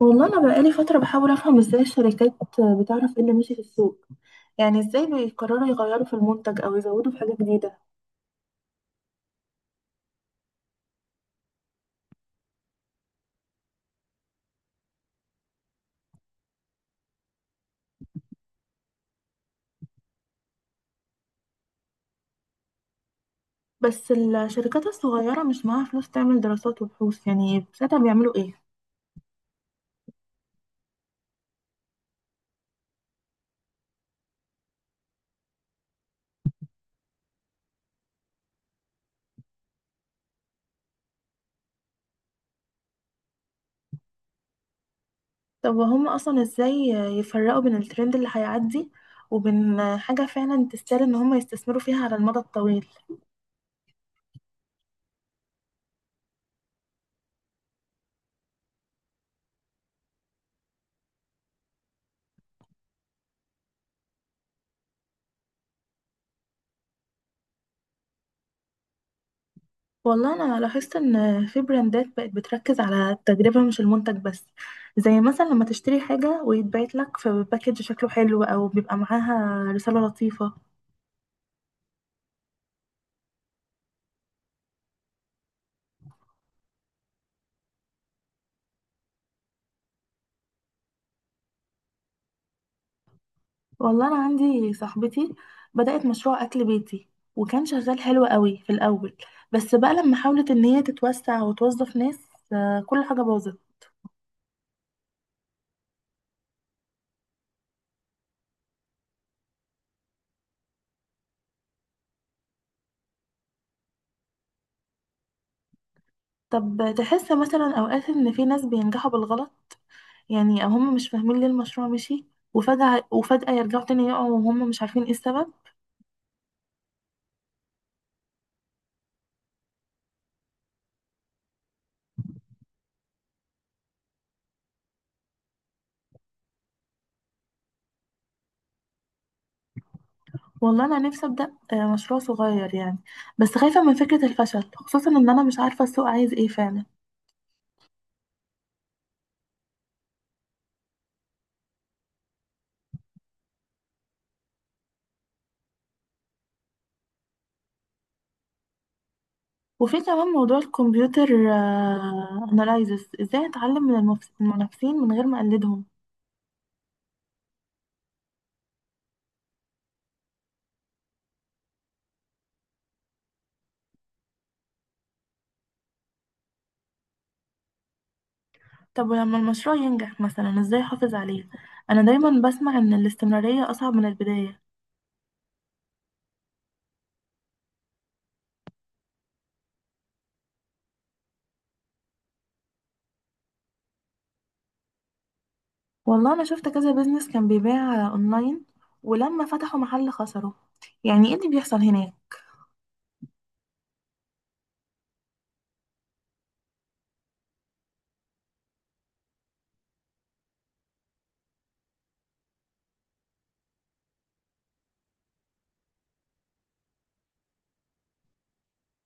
والله أنا بقالي فترة بحاول أفهم إزاي الشركات بتعرف إيه اللي ماشي في السوق. يعني إزاي بيقرروا يغيروا في المنتج أو يزودوا في حاجة جديدة؟ بس الشركات الصغيرة مش معاها فلوس تعمل دراسات وبحوث، يعني ساعتها بيعملوا إيه؟ طب وهم أصلا إزاي يفرقوا بين الترند اللي هيعدي وبين حاجة فعلا تستاهل إن هم يستثمروا فيها على المدى الطويل؟ والله انا لاحظت ان في براندات بقت بتركز على التجربه مش المنتج بس، زي مثلا لما تشتري حاجه ويتبعت لك في باكج شكله حلو او بيبقى معاها رساله لطيفه. والله انا عندي صاحبتي بدات مشروع اكل بيتي، وكان شغال حلو قوي في الاول، بس بقى لما حاولت ان هي تتوسع وتوظف ناس، كل حاجه باظت. طب تحس مثلا اوقات ان في ناس بينجحوا بالغلط؟ يعني هم مش فاهمين ليه المشروع مشي وفجأة يرجعوا تاني يقعوا وهم مش عارفين ايه السبب. والله انا نفسي ابدا مشروع صغير يعني، بس خايفه من فكره الفشل، خصوصا ان انا مش عارفه السوق عايز ايه فعلا. وفي كمان موضوع الكمبيوتر اناليزس، ازاي اتعلم من المنافسين من غير ما اقلدهم؟ طب ولما المشروع ينجح مثلا، ازاي احافظ عليه؟ انا دايما بسمع ان الاستمراريه اصعب من البدايه. والله انا شفت كذا بيزنس كان بيبيع اونلاين، ولما فتحوا محل خسروا. يعني ايه اللي بيحصل هناك؟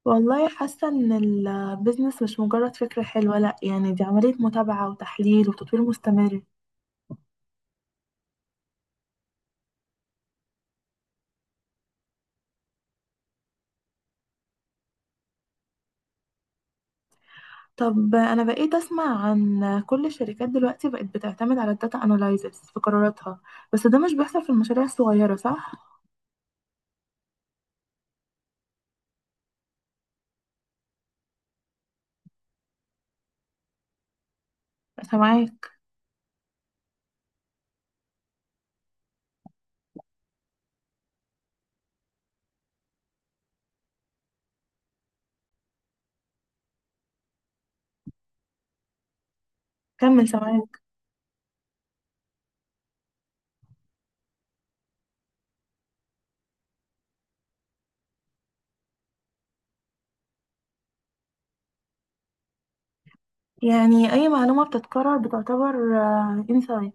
والله حاسة إن البيزنس مش مجرد فكرة حلوة، لأ، يعني دي عملية متابعة وتحليل وتطوير مستمر. طب أنا بقيت أسمع عن كل الشركات دلوقتي بقت بتعتمد على الداتا أنالايزس في قراراتها، بس ده مش بيحصل في المشاريع الصغيرة صح؟ سامعاك. كمل، سامعاك. يعني أي معلومة بتتكرر بتعتبر انسايت؟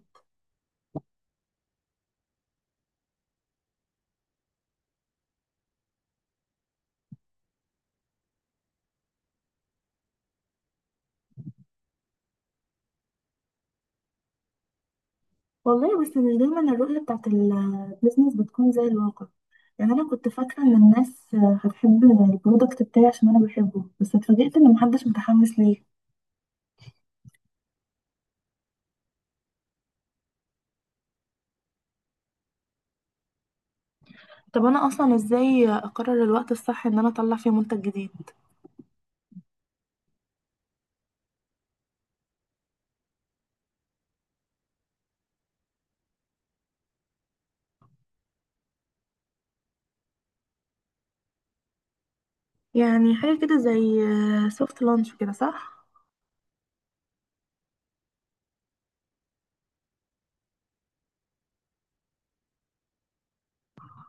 والله بس مش دايما الرؤية بتاعت البيزنس بتكون زي الواقع. يعني انا كنت فاكره ان الناس هتحب البرودكت بتاعي عشان انا بحبه، بس اتفاجئت ان محدش متحمس ليه. طب انا اصلا ازاي اقرر الوقت الصح ان انا اطلع فيه منتج جديد؟ يعني حاجه كده زي سوفت لانش كده صح؟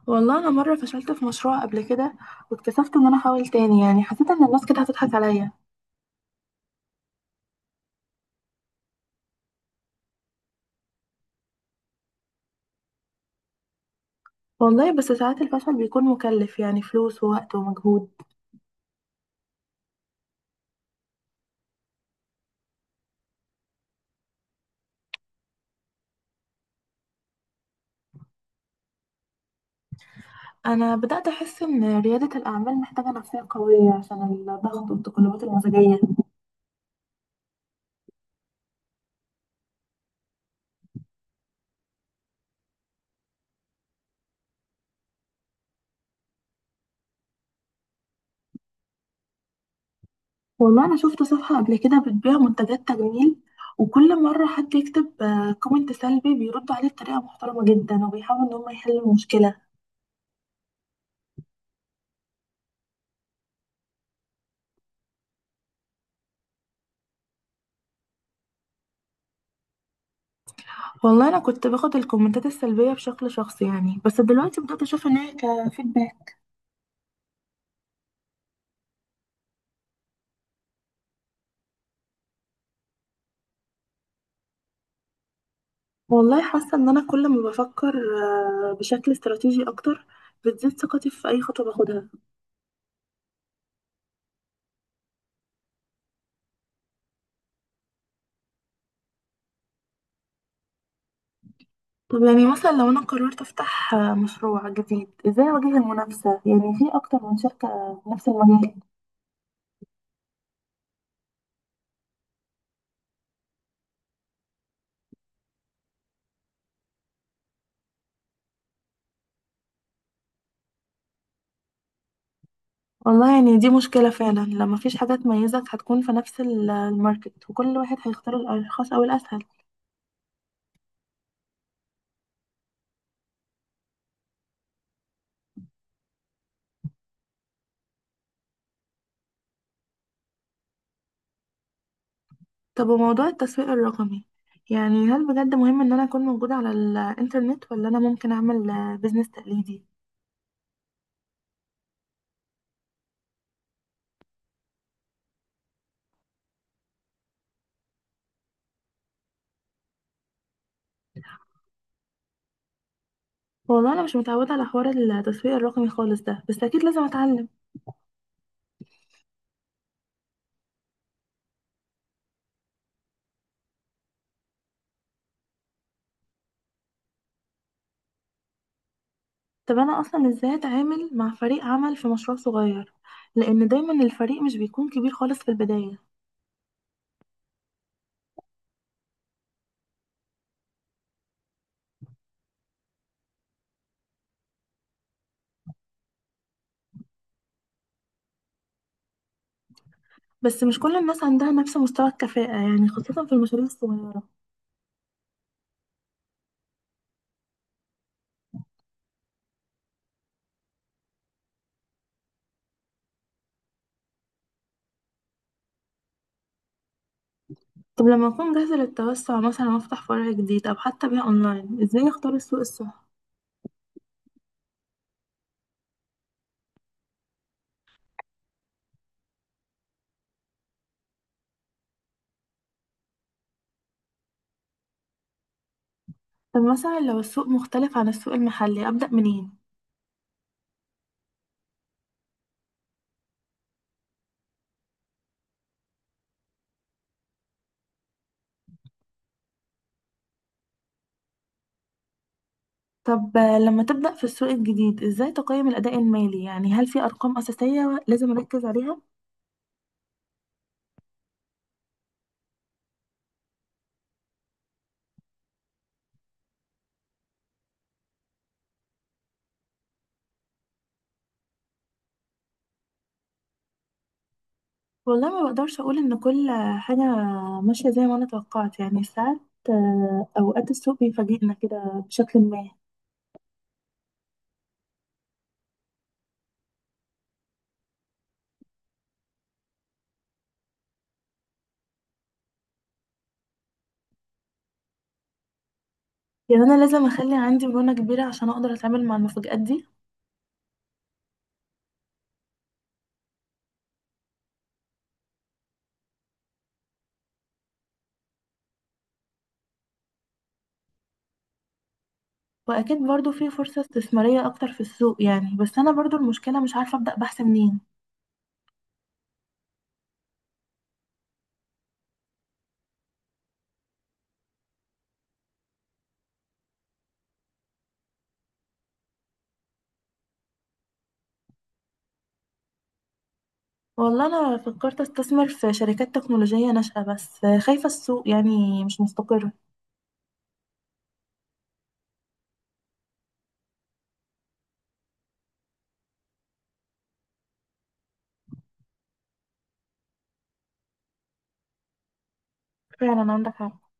والله انا مره فشلت في مشروع قبل كده، واتكسفت ان انا احاول تاني، يعني حسيت ان الناس كده هتضحك عليا. والله بس ساعات الفشل بيكون مكلف، يعني فلوس ووقت ومجهود. انا بدات احس ان رياده الاعمال محتاجه نفسيه قويه عشان الضغط والتقلبات المزاجيه. والله انا شفت صفحة قبل كده بتبيع منتجات تجميل، وكل مرة حد يكتب كومنت سلبي بيردوا عليه بطريقة محترمة جدا وبيحاولوا ان هم يحلوا المشكلة. والله انا كنت باخد الكومنتات السلبية بشكل شخصي يعني، بس دلوقتي بدأت اشوف ان هي كفيدباك. والله حاسة ان انا كل ما بفكر بشكل استراتيجي اكتر، بتزيد ثقتي في اي خطوة باخدها. طب يعني مثلا لو انا قررت افتح مشروع جديد، ازاي اواجه المنافسة، يعني في اكتر من شركة في نفس المجال؟ والله يعني دي مشكلة فعلا لما مفيش حاجة تميزك، هتكون في نفس الماركت وكل واحد هيختار الأرخص أو الأسهل. طب وموضوع التسويق الرقمي، يعني هل بجد مهم إن أنا أكون موجودة على الإنترنت، ولا أنا ممكن أعمل بيزنس تقليدي؟ والله أنا مش متعودة على حوار التسويق الرقمي خالص ده، بس أكيد لازم أتعلم. طب أنا أصلا إزاي أتعامل مع فريق عمل في مشروع صغير؟ لأن دايما الفريق مش بيكون كبير خالص في البداية. بس مش كل الناس عندها نفس مستوى الكفاءة، يعني خاصة في المشاريع الصغيرة. طب لما أكون جاهزة للتوسع مثلا، وأفتح فرع جديد أو حتى بيع أونلاين، إزاي أختار السوق الصح؟ طب مثلا لو السوق مختلف عن السوق المحلي، أبدأ منين؟ طب لما تبدأ في السوق الجديد، إزاي تقيم الأداء المالي؟ يعني هل في أرقام أساسية لازم أركز عليها؟ والله ما بقدرش أقول إن كل حاجة ماشية زي ما أنا توقعت، يعني ساعات، أوقات، السوق بيفاجئنا كده بشكل ما. يعني أنا لازم أخلي عندي مرونة كبيرة عشان أقدر أتعامل مع المفاجآت دي. واكيد برضو في فرصة استثمارية اكتر في السوق يعني، بس انا برضو المشكلة مش عارفة ابدأ بحث منين. والله انا فكرت استثمر في شركات تكنولوجية ناشئة، بس خايفة السوق يعني مش مستقر. فعلا عندك حق.